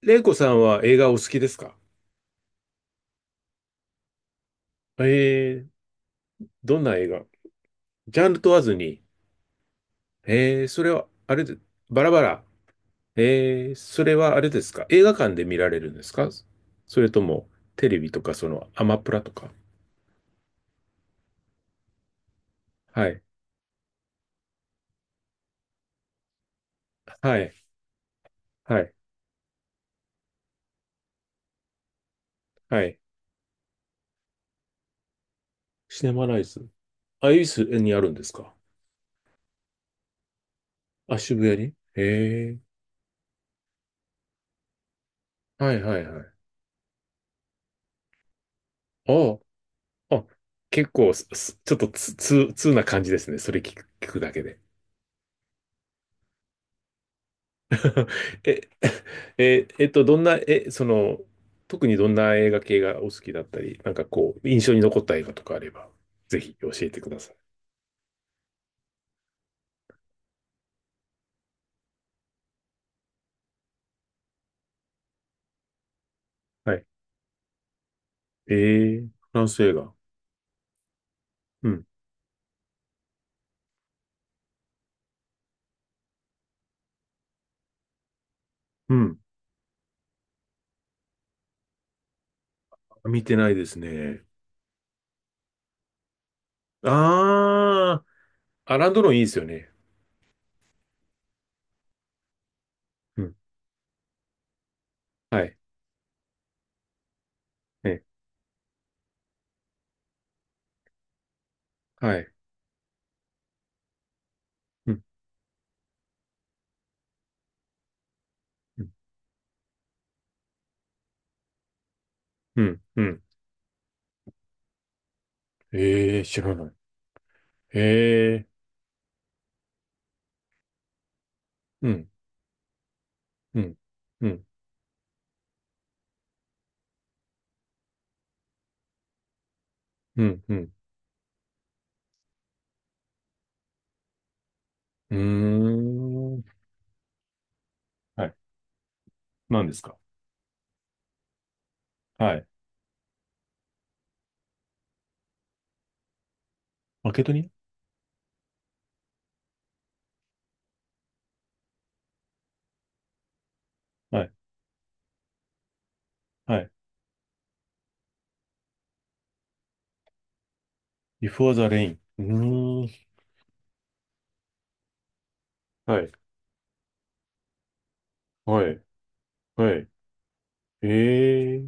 レイコさんは映画お好きですか？えー、どんな映画ジャンル問わずに。それは、あれで、バラバラ。それはあれですか？映画館で見られるんですか？それとも、テレビとか、アマプラとか。はい。はい。はい。はい。シネマライズ。あ、恵比寿にあるんですか？あ、渋谷にえ、えー、はいはいはい。ああ、あ、結構、すすちょっとつ、つ、通な感じですね。それ聞くだけで。え、え、どんな、え、その、特にどんな映画系がお好きだったり、なんかこう、印象に残った映画とかあれば、ぜひ教えてください。はい。えー、フランス映画。うん。うん。見てないですね。あー、アランドロンいいですよね。うん。はい。ね。はい。うん。うん。うん。うん、えー、知らない。えー、うん。うん。うん。うん。うん。うーん。はい。何ですか？はい。マケドニア。はい。はい。 Before the Rain。うーん。はい。はい。はい。ええ。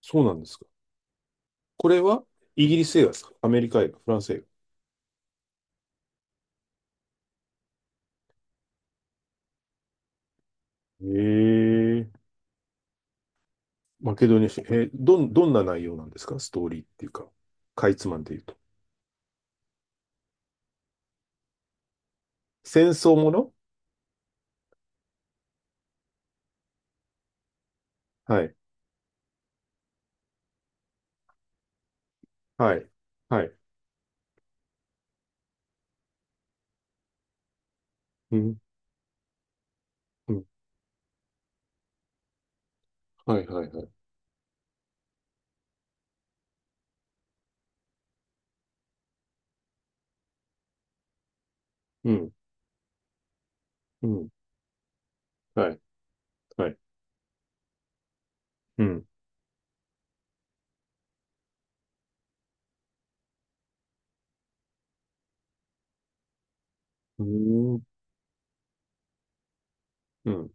そうなんですか。これはイギリス映画ですか？アメリカ映画、フランス映画。ええ。マケドニア史。えー、どんな内容なんですか？ストーリーっていうか、かいつまんで言うと。戦争もの？はい。はい。はい。うん。うん。はい。はい。はい。うん。うん。はい。はい。うん。うーん。うん。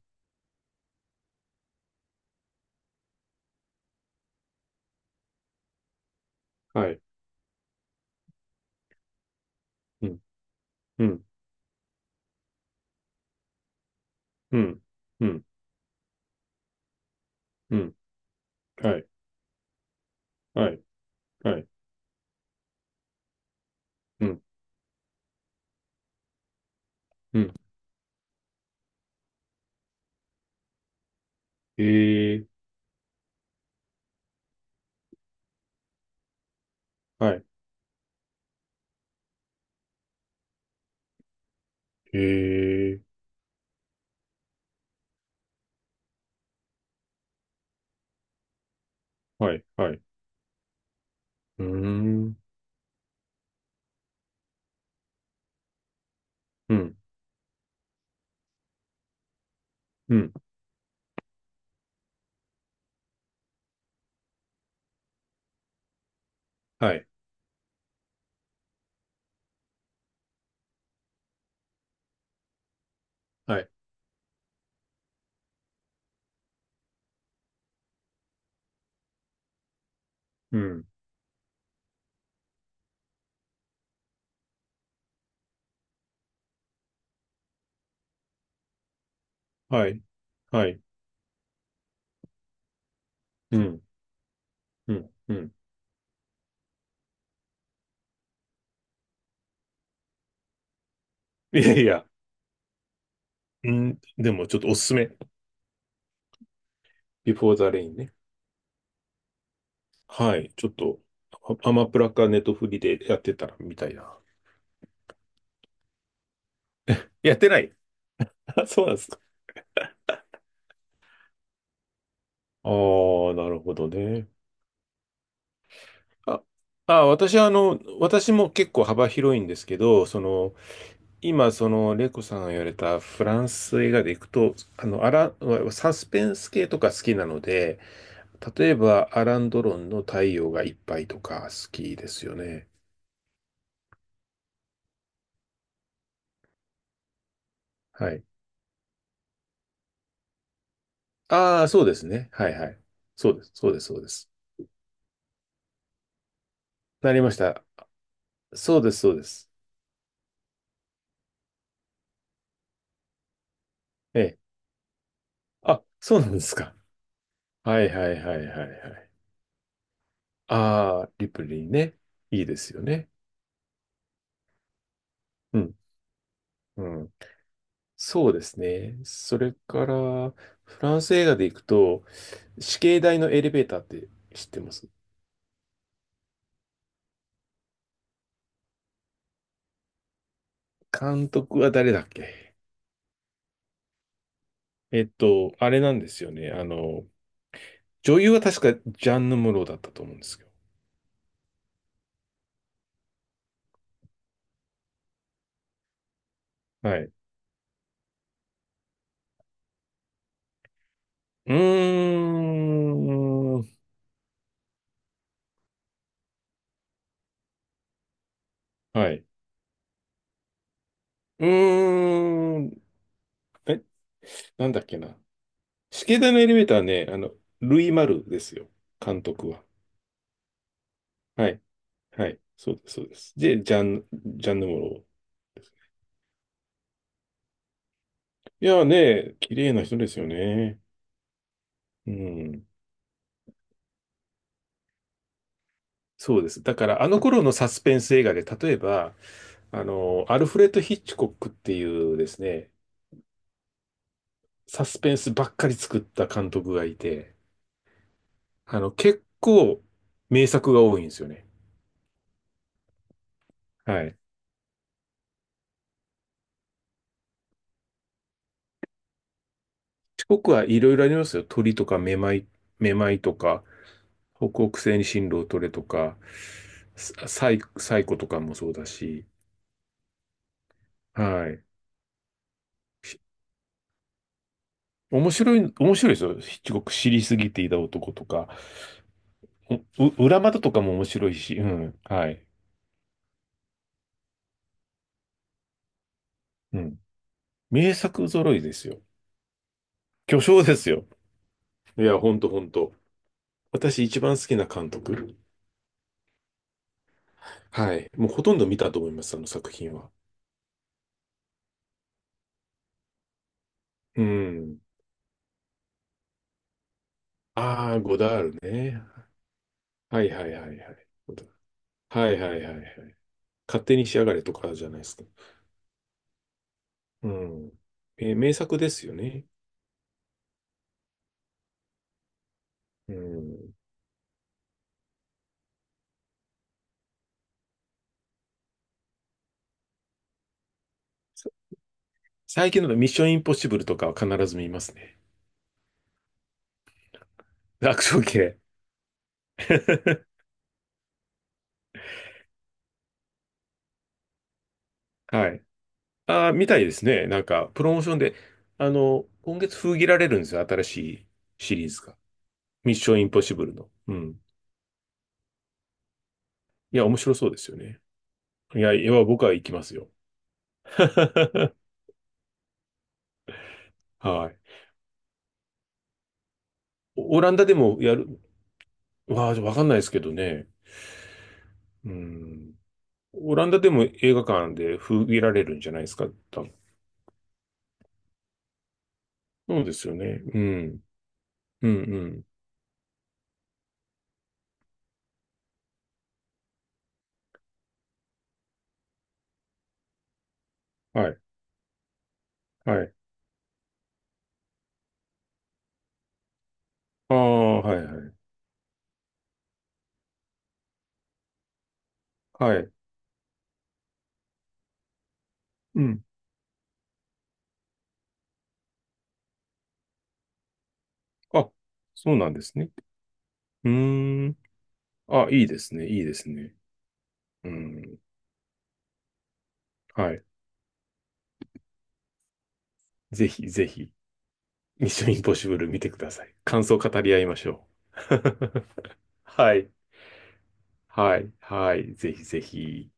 はい。うん。うん。うん。うん。うん。はい。はい。はい。うん。うん。ええ。はい。へえ、はい、はい。うーん、うん、うん、はい、はい、うん、はい、はい、うん、うん、うん。いやいや、うん、でもちょっとおすすめ。Before the Rain ね。はい、ちょっと、アアマプラかネットフリでやってたらみたいな。やってない？あ、そうなんですか。ああ、なるほどね。あ、私はあの、私も結構幅広いんですけど、今、その、レイコさんが言われたフランス映画でいくと、あの、アラン、サスペンス系とか好きなので、例えば、アラン・ドロンの太陽がいっぱいとか好きですよね。はい。ああ、そうですね。はいはい。そうです、そうです、そうです。なりました。そうです、そうです。ええ。あ、そうなんですか。はいはいはいはいはい。ああ、リプレイね。いいですよね。うん、うん。そうですね。それから、フランス映画でいくと、死刑台のエレベーターって知ってます？監督は誰だっけ？あれなんですよね。あの、女優は確かジャンヌ・ムロだったと思うんですけど。はい。うーん。はい。うーん。え、なんだっけな。死刑台のエレベーターはね、あの、ルイ・マルですよ。監督は。はい。はい。そうです、そうです。で、ジャンヌ・ムロですね。いやーね、綺麗な人ですよね。うん。そうです。だから、あの頃のサスペンス映画で、例えば、あの、アルフレッド・ヒッチコックっていうですね、サスペンスばっかり作った監督がいて、あの、結構名作が多いんですよね。はい。ヒッチコックはいろいろありますよ。鳥とかめまい、めまいとか、北北西に進路を取れとか、サイコとかもそうだし、はい。し、面白い、面白いですよ。ヒッチコック知りすぎていた男とか、裏窓とかも面白いし、うん。はい。うん。名作揃いですよ。巨匠ですよ。いや、ほんとほんと。私一番好きな監督。はい。もうほとんど見たと思います、あの作品は。うん。ああ、ゴダールね。はいはいはいはい。ゴダール、はいはいはいはい。勝手に仕上がれとかじゃないですか。うん。えー、名作ですよね。うん。さ、最近のミッションインポッシブルとかは必ず見ますね。アクション系。はい。ああ、みたいですね。なんか、プロモーションで、あの、今月封切られるんですよ。新しいシリーズが。ミッションインポッシブルの。うん。いや、面白そうですよね。いや、いや、僕は行きますよ。はい。オランダでもやる、わあ、わかんないですけどね。うん。オランダでも映画館で封切られるんじゃないですか、多分。そうですよね。うん。うん、うん。はい。はい。ああ、はい、はい。はい。うん。あ、そうなんですね。うーん。あ、いいですね、いいですね。うん。はい。ぜひ、ぜひ、ミッションインポッシブル見てください。感想を語り合いましょう。はい。はい。はい。ぜひぜひ。